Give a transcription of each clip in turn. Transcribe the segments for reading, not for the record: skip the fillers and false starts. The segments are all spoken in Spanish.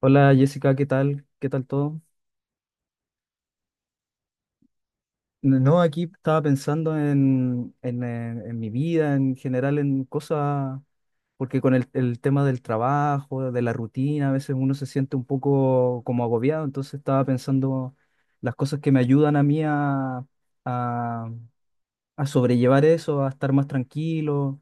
Hola Jessica, ¿qué tal? ¿Qué tal todo? No, aquí estaba pensando en mi vida, en general, en cosas, porque con el tema del trabajo, de la rutina, a veces uno se siente un poco como agobiado, entonces estaba pensando las cosas que me ayudan a mí a, a sobrellevar eso, a estar más tranquilo.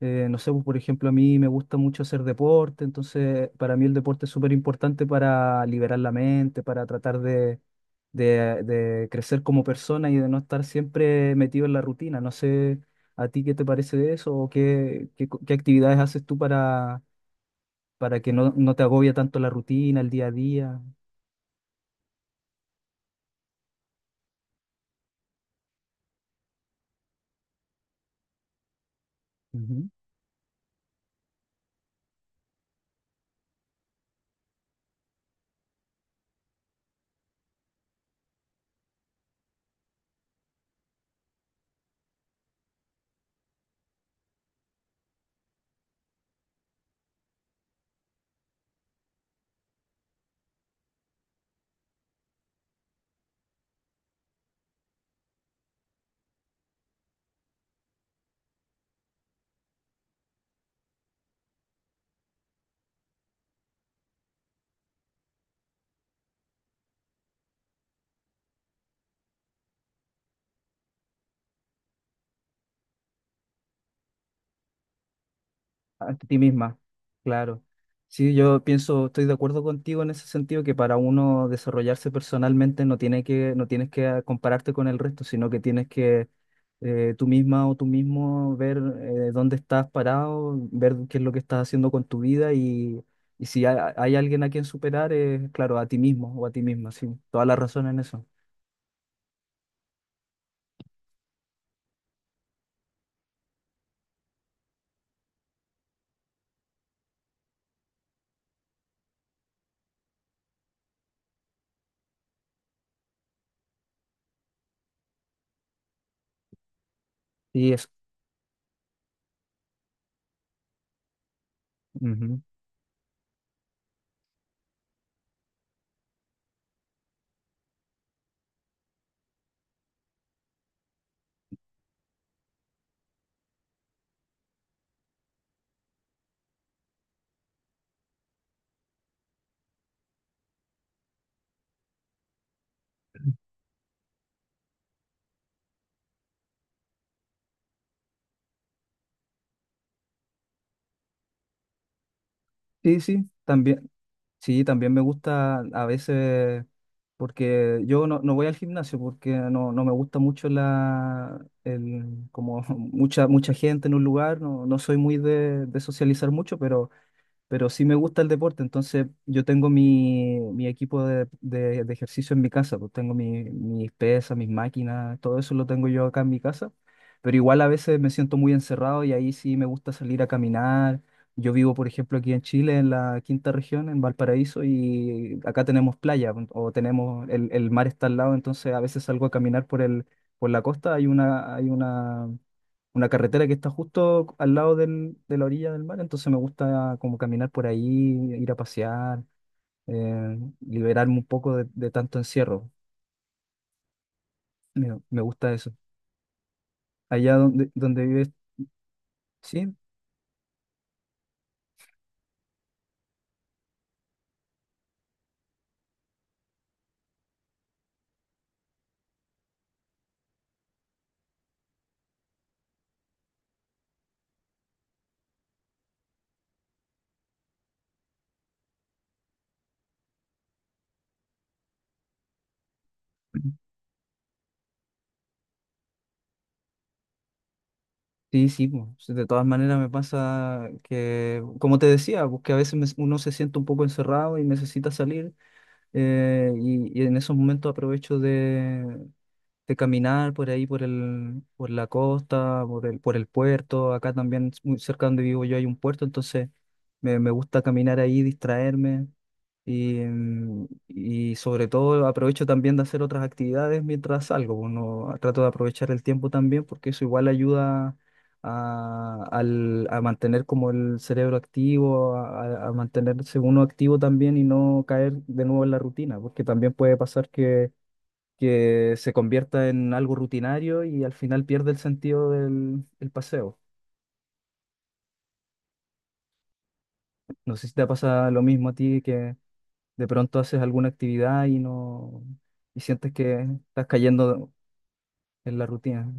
No sé, pues, por ejemplo, a mí me gusta mucho hacer deporte, entonces para mí el deporte es súper importante para liberar la mente, para tratar de crecer como persona y de no estar siempre metido en la rutina. No sé a ti qué te parece de eso o qué, qué actividades haces tú para que no te agobie tanto la rutina, el día a día. Ante ti misma, claro. Sí, yo pienso, estoy de acuerdo contigo en ese sentido, que para uno desarrollarse personalmente no tiene que, no tienes que compararte con el resto, sino que tienes que tú misma o tú mismo ver dónde estás parado, ver qué es lo que estás haciendo con tu vida y si hay alguien a quien superar, es claro, a ti mismo o a ti misma, sí. Toda la razón en eso. Sí, eso. Ujú. Sí, sí, también. Sí, también me gusta a veces, porque yo no voy al gimnasio porque no me gusta mucho como mucha gente en un lugar, no, no soy muy de socializar mucho, pero sí me gusta el deporte, entonces yo tengo mi equipo de ejercicio en mi casa, pues tengo mis pesas, mis máquinas, todo eso lo tengo yo acá en mi casa, pero igual a veces me siento muy encerrado y ahí sí me gusta salir a caminar. Yo vivo, por ejemplo, aquí en Chile, en la quinta región, en Valparaíso, y acá tenemos playa, pues, o tenemos, el mar está al lado, entonces a veces salgo a caminar por la costa, hay una carretera que está justo al lado de la orilla del mar, entonces me gusta como caminar por ahí, ir a pasear, liberarme un poco de tanto encierro. Me gusta eso. Allá donde vives, sí, sí, sí, po. Sí, de todas maneras me pasa que, como te decía, pues que a veces uno se siente un poco encerrado y necesita salir, y en esos momentos aprovecho de caminar por ahí, por la costa, por el puerto. Acá también, muy cerca donde vivo yo, hay un puerto, entonces me gusta caminar ahí, distraerme y, y sobre todo aprovecho también de hacer otras actividades mientras salgo. Uno trato de aprovechar el tiempo también porque eso igual ayuda a mantener como el cerebro activo, a mantenerse uno activo también y no caer de nuevo en la rutina, porque también puede pasar que se convierta en algo rutinario y al final pierde el sentido del el paseo. No sé si te pasa lo mismo a ti, que de pronto haces alguna actividad y no y sientes que estás cayendo en la rutina.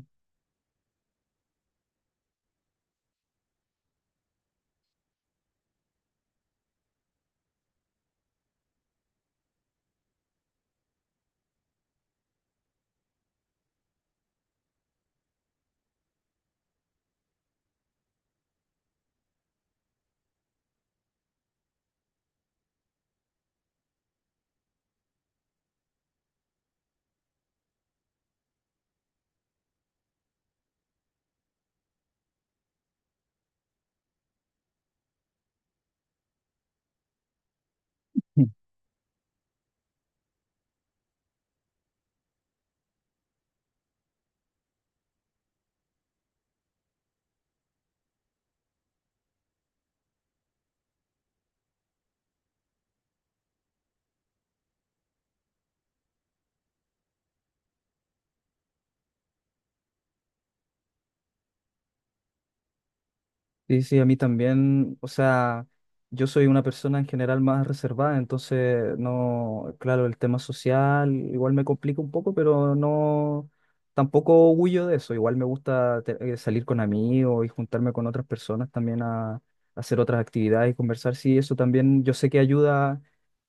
Sí, sí, a mí también, o sea, yo soy una persona en general más reservada, entonces no, claro, el tema social igual me complica un poco, pero no, tampoco huyo de eso, igual me gusta salir con amigos y juntarme con otras personas también a hacer otras actividades y conversar, sí, eso también yo sé que ayuda,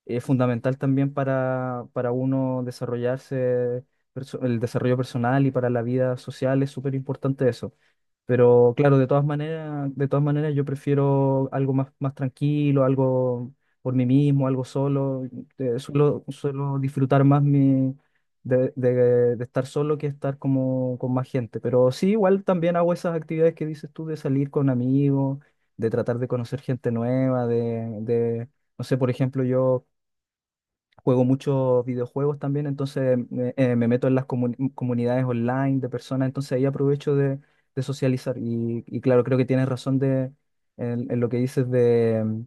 es fundamental también para uno desarrollarse, el desarrollo personal y para la vida social es súper importante eso. Pero claro, de todas maneras yo prefiero algo más, más tranquilo, algo por mí mismo, algo solo. Suelo disfrutar más mi, de estar solo que estar como con más gente. Pero sí, igual también hago esas actividades que dices tú de salir con amigos, de tratar de conocer gente nueva, de no sé, por ejemplo, yo juego muchos videojuegos también, entonces me meto en las comunidades online de personas, entonces ahí aprovecho de socializar. Y claro, creo que tienes razón de, en lo que dices de,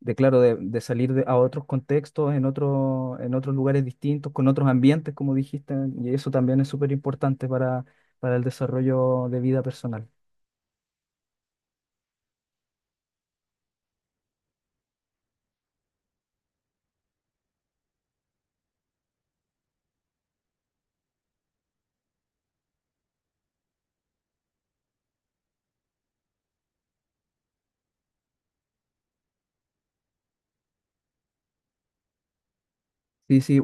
de claro, de salir a otros contextos, en otros lugares distintos, con otros ambientes, como dijiste, y eso también es súper importante para el desarrollo de vida personal. Sí, sí,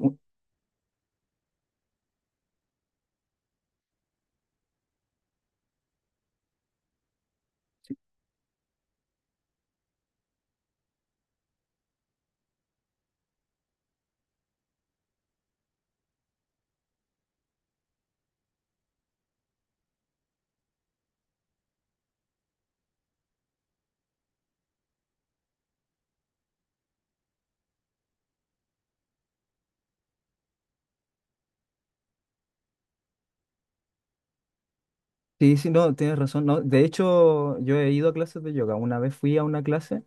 sí, sí, no, tienes razón. No, de hecho, yo he ido a clases de yoga. Una vez fui a una clase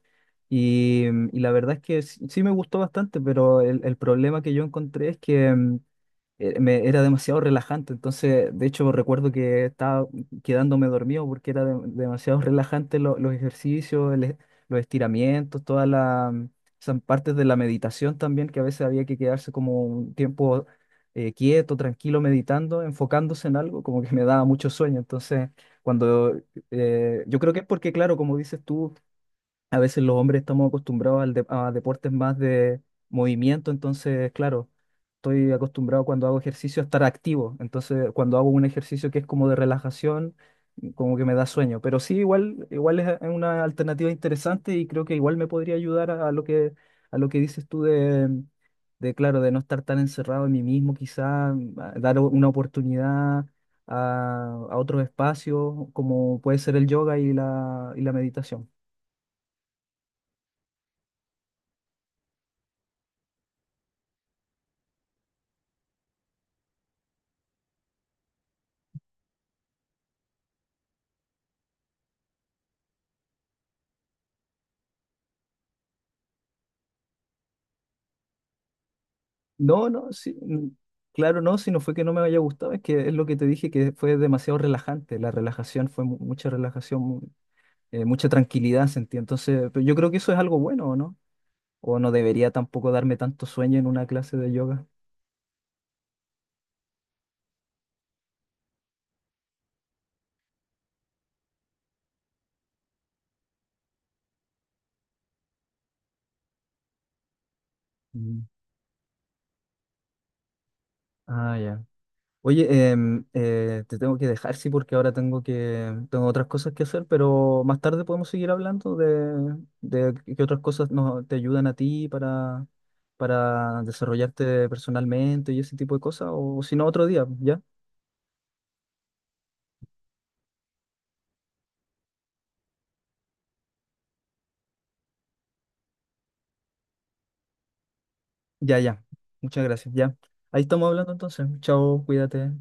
y, y la verdad es que sí, sí me gustó bastante, pero el problema que yo encontré es que era demasiado relajante. Entonces, de hecho, recuerdo que estaba quedándome dormido porque era demasiado relajante los ejercicios, los estiramientos, todas las esas partes de la meditación también, que a veces había que quedarse como un tiempo quieto, tranquilo, meditando, enfocándose en algo, como que me daba mucho sueño. Entonces, cuando yo creo que es porque, claro, como dices tú, a veces los hombres estamos acostumbrados a deportes más de movimiento, entonces, claro, estoy acostumbrado cuando hago ejercicio a estar activo, entonces cuando hago un ejercicio que es como de relajación, como que me da sueño, pero sí, igual, igual es una alternativa interesante y creo que igual me podría ayudar a lo que dices tú de, de, claro, de no estar tan encerrado en mí mismo, quizá a dar una oportunidad. A otros espacios como puede ser el yoga y y la meditación. No, no, sí, claro, no, si no fue que no me haya gustado, es que es lo que te dije, que fue demasiado relajante, la relajación fue mucha relajación, mucha tranquilidad sentí, entonces pero yo creo que eso es algo bueno, ¿o no? O no debería tampoco darme tanto sueño en una clase de yoga. Mm. Ah, ya. Oye, te tengo que dejar, sí, porque ahora tengo tengo otras cosas que hacer, pero más tarde podemos seguir hablando de qué otras te ayudan a ti para desarrollarte personalmente y ese tipo de cosas, o si no, otro día, ¿ya? Ya, ya. Muchas gracias, ya. Ahí estamos hablando entonces. Chao, cuídate.